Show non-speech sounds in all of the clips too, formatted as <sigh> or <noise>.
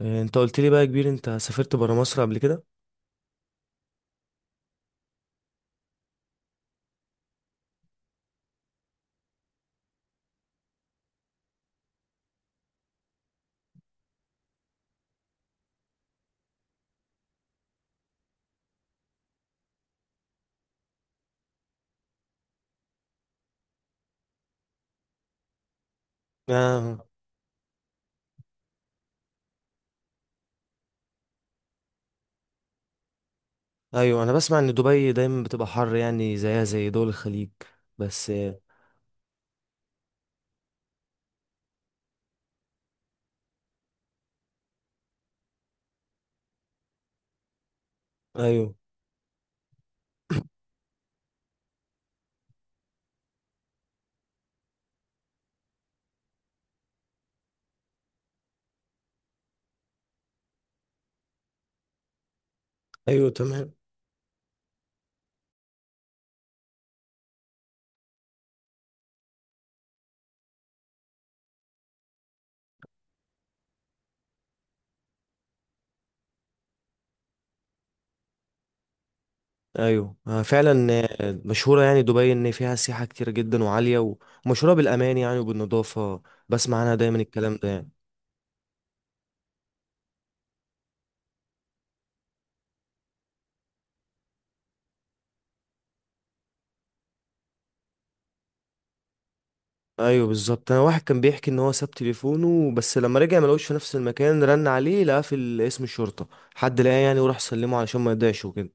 إيه، انت قلت لي بقى يا كبير انت سافرت برا مصر قبل كده. آه. ايوه، انا بسمع ان دبي دايما بتبقى حر، يعني زيها زي دول الخليج. بس ايوه ايوه، تمام. ايوه، فعلا. مشهوره يعني دبي ان فيها سياحه كتير جدا وعاليه، ومشهوره بالامان يعني وبالنظافه. بسمع عنها دايما الكلام ده يعني. ايوه بالظبط، انا واحد كان بيحكي ان هو ساب تليفونه، بس لما رجع ما لقوش في نفس المكان، رن عليه لقاه في اسم الشرطه. حد لقاه يعني وراح سلمه علشان ما يضيعش وكده.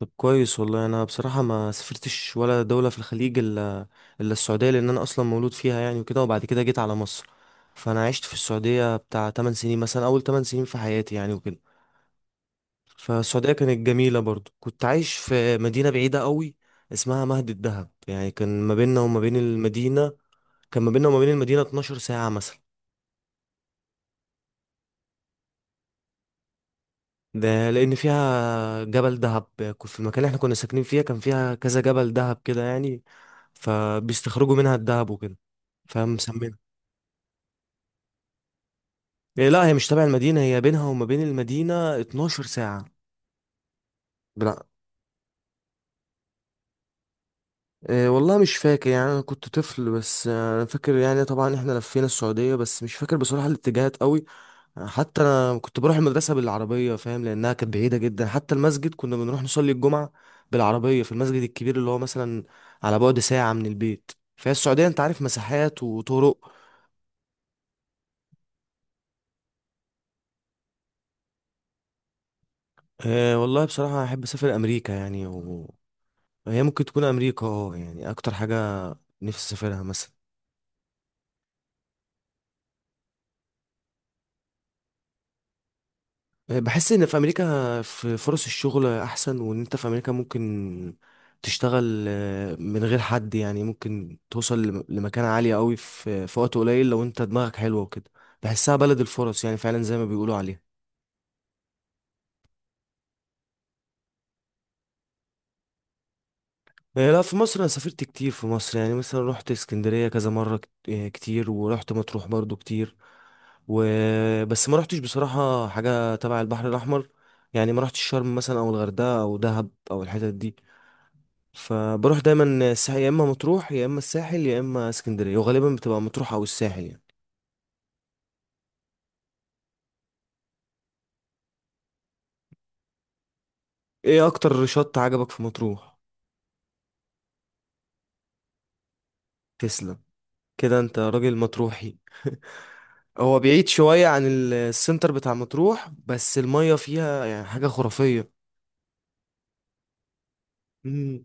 طب كويس والله، انا بصراحه ما سافرتش ولا دوله في الخليج الا السعوديه، لان انا اصلا مولود فيها يعني وكده، وبعد كده جيت على مصر. فانا عشت في السعوديه بتاع 8 سنين مثلا، اول 8 سنين في حياتي يعني وكده. فالسعوديه كانت جميله برضو، كنت عايش في مدينه بعيده قوي اسمها مهد الدهب. يعني كان ما بيننا وما بين المدينه، كان ما بيننا وما بين المدينه 12 ساعه مثلا. ده لان فيها جبل دهب. في المكان اللي احنا كنا ساكنين فيها كان فيها كذا جبل دهب كده يعني، فبيستخرجوا منها الدهب وكده فمسمينها. إيه لا، هي مش تبع المدينة، هي بينها وما بين المدينة 12 ساعة. لا. إيه والله، مش فاكر يعني، انا كنت طفل. بس انا فاكر يعني طبعا احنا لفينا السعودية، بس مش فاكر بصراحة الاتجاهات قوي. حتى انا كنت بروح المدرسه بالعربيه، فاهم، لانها كانت بعيده جدا. حتى المسجد كنا بنروح نصلي الجمعه بالعربيه في المسجد الكبير اللي هو مثلا على بعد ساعه من البيت. فهي السعوديه انت عارف، مساحات وطرق. أه والله، بصراحه احب اسافر امريكا يعني هي ممكن تكون امريكا اه، يعني اكتر حاجه نفسي اسافرها مثلا. بحس ان في امريكا في فرص الشغل احسن، وان انت في امريكا ممكن تشتغل من غير حد، يعني ممكن توصل لمكانة عالية قوي في وقت قليل، لو انت دماغك حلوة وكده. بحسها بلد الفرص يعني، فعلا زي ما بيقولوا عليها. لا في مصر انا سافرت كتير في مصر، يعني مثلا رحت اسكندرية كذا مرة، كتير، ورحت مطروح برضو كتير. وبس ما رحتش بصراحة حاجة تبع البحر الاحمر، يعني ما رحتش شرم مثلا او الغردقة او دهب او الحتت دي. فبروح دايما الساحل، يا اما مطروح يا اما الساحل يا اما اسكندريه، وغالبا بتبقى مطروح او الساحل يعني. ايه اكتر شط عجبك في مطروح؟ تسلم، كده انت راجل مطروحي. <laughs> هو بعيد شويه عن السنتر بتاع مطروح، بس الميه فيها يعني حاجه خرافيه. مم.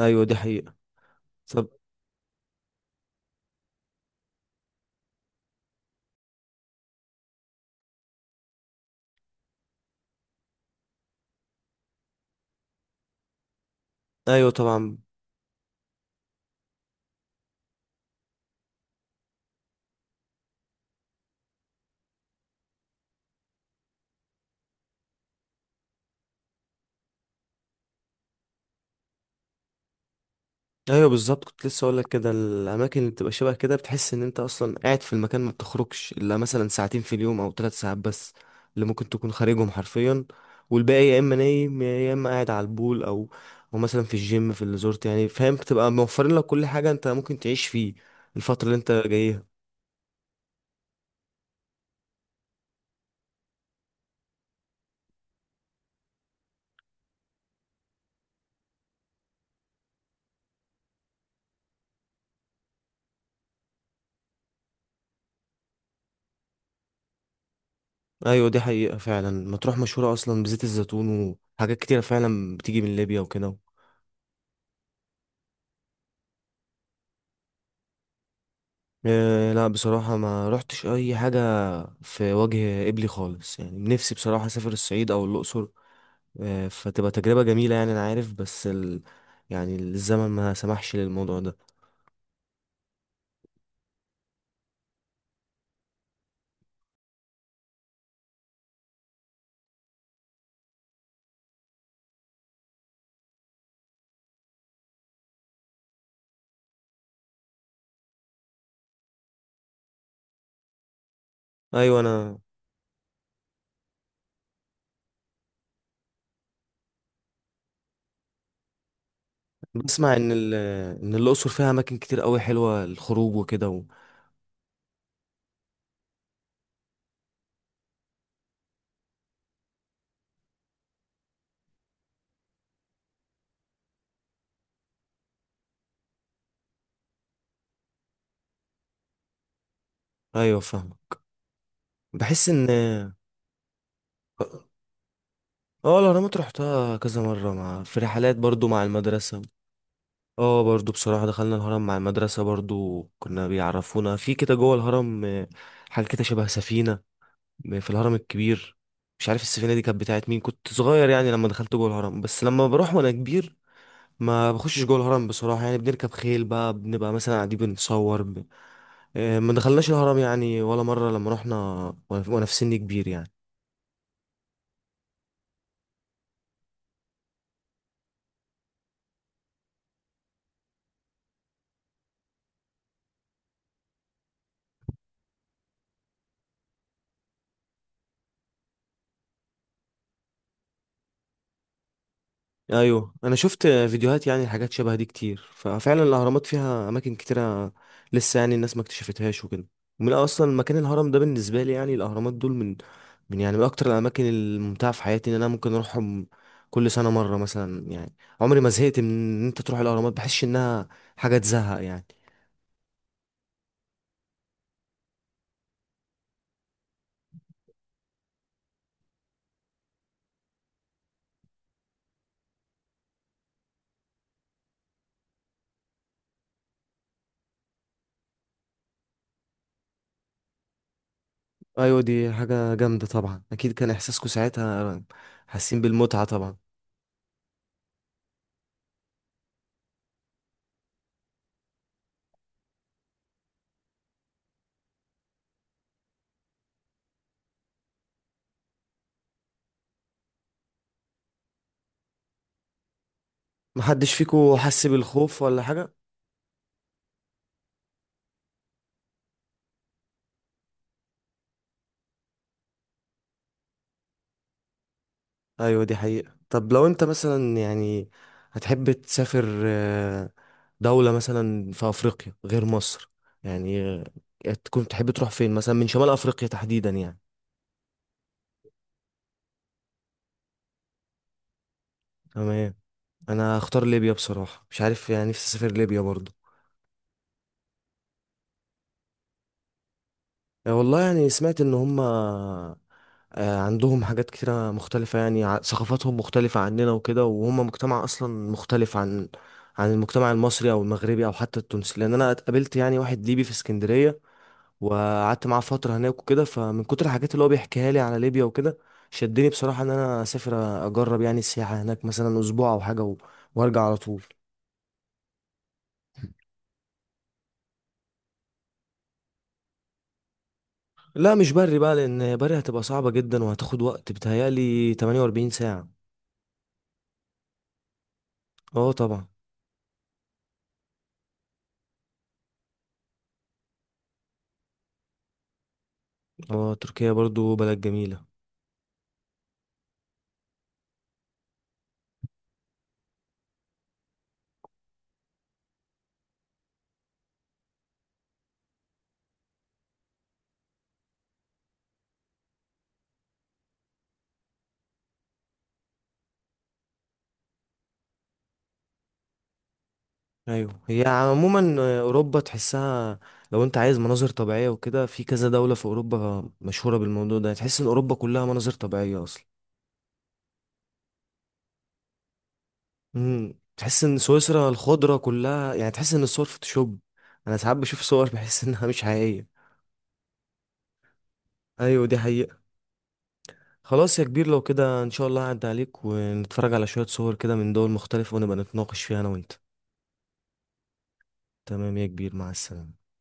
ايوه دي حقيقه. طب. ايوه طبعا. ايوه بالظبط، كنت لسه اقول لك كده، الاماكن اللي بتبقى شبه كده بتحس ان انت اصلا قاعد في المكان، ما بتخرجش الا مثلا ساعتين في اليوم او ثلاث ساعات بس اللي ممكن تكون خارجهم حرفيا، والباقي يا اما نايم يا اما قاعد على البول او مثلا في الجيم في الريزورت يعني، فاهم، بتبقى موفرين لك كل حاجه انت ممكن تعيش فيه الفتره اللي انت جايها. ايوه دي حقيقه، فعلا مطروح مشهوره اصلا بزيت الزيتون، وحاجات كتيره فعلا بتيجي من ليبيا وكده. لا بصراحة ما رحتش أي حاجة في وجه قبلي خالص، يعني نفسي بصراحة أسافر الصعيد أو الأقصر. فتبقى تجربة جميلة يعني، أنا عارف، بس يعني الزمن ما سمحش للموضوع ده. أيوة أنا بسمع إن إن الأقصر فيها أماكن كتير أوي حلوة للخروج وكده أيوة فاهمك. بحس إن اه. الأهرامات رحتها كذا مرة، مع في رحلات برضو مع المدرسة. اه برضو بصراحة دخلنا الهرم مع المدرسة برضو، كنا بيعرفونا في كده جوه الهرم، حاجة كده شبه سفينة في الهرم الكبير. مش عارف السفينة دي كانت بتاعت مين، كنت صغير يعني لما دخلت جوه الهرم. بس لما بروح وانا كبير ما بخشش جوه الهرم بصراحة، يعني بنركب خيل بقى، بنبقى مثلا قاعدين بنتصور ب... آه، ما دخلناش الهرم يعني ولا مرة لما رحنا وانا في سن كبير يعني. ايوه، انا شفت فيديوهات يعني حاجات شبه دي كتير، ففعلا الاهرامات فيها اماكن كتيره لسه يعني الناس ما اكتشفتهاش وكده. ومن اصلا مكان الهرم ده بالنسبه لي يعني، الاهرامات دول من يعني من اكتر الاماكن الممتعه في حياتي ان انا ممكن اروحهم كل سنه مره مثلا يعني. عمري ما زهقت من ان انت تروح الاهرامات، بحسش انها حاجه تزهق يعني. ايوه دي حاجه جامده طبعا، اكيد كان احساسكم ساعتها حاسين بالمتعه طبعا. محدش فيكم حس بالخوف ولا حاجه؟ ايوه دي حقيقة. طب لو انت مثلا يعني هتحب تسافر دولة مثلا في افريقيا غير مصر، يعني تكون تحب تروح فين مثلا من شمال افريقيا تحديدا يعني؟ تمام. انا هختار ليبيا بصراحة، مش عارف يعني، نفسي اسافر ليبيا برضو. والله يعني سمعت ان هما عندهم حاجات كتيرة مختلفة، يعني ثقافاتهم مختلفة عننا وكده، وهم مجتمع أصلا مختلف عن المجتمع المصري أو المغربي أو حتى التونسي، لأن أنا اتقابلت يعني واحد ليبي في اسكندرية وقعدت معاه فترة هناك وكده. فمن كتر الحاجات اللي هو بيحكيها لي على ليبيا وكده شدني بصراحة ان انا اسافر اجرب يعني السياحة هناك مثلا اسبوع او حاجة وارجع على طول. لا مش بري بقى، لان بري هتبقى صعبة جدا، وهتاخد وقت بتهيألي 48 ساعة. اه طبعا. اه تركيا برضو بلد جميلة. ايوه هي عموما اوروبا تحسها، لو انت عايز مناظر طبيعية وكده في كذا دولة في اوروبا مشهورة بالموضوع ده، تحس ان اوروبا كلها مناظر طبيعية اصلا. تحس ان سويسرا الخضرة كلها يعني، تحس ان الصور فوتوشوب. انا ساعات بشوف صور بحس انها مش حقيقية. ايوه دي حقيقة. خلاص يا كبير، لو كده ان شاء الله هعدي عليك ونتفرج على شوية صور كده من دول مختلفة، ونبقى نتناقش فيها انا وانت. تمام يا كبير، مع السلامة.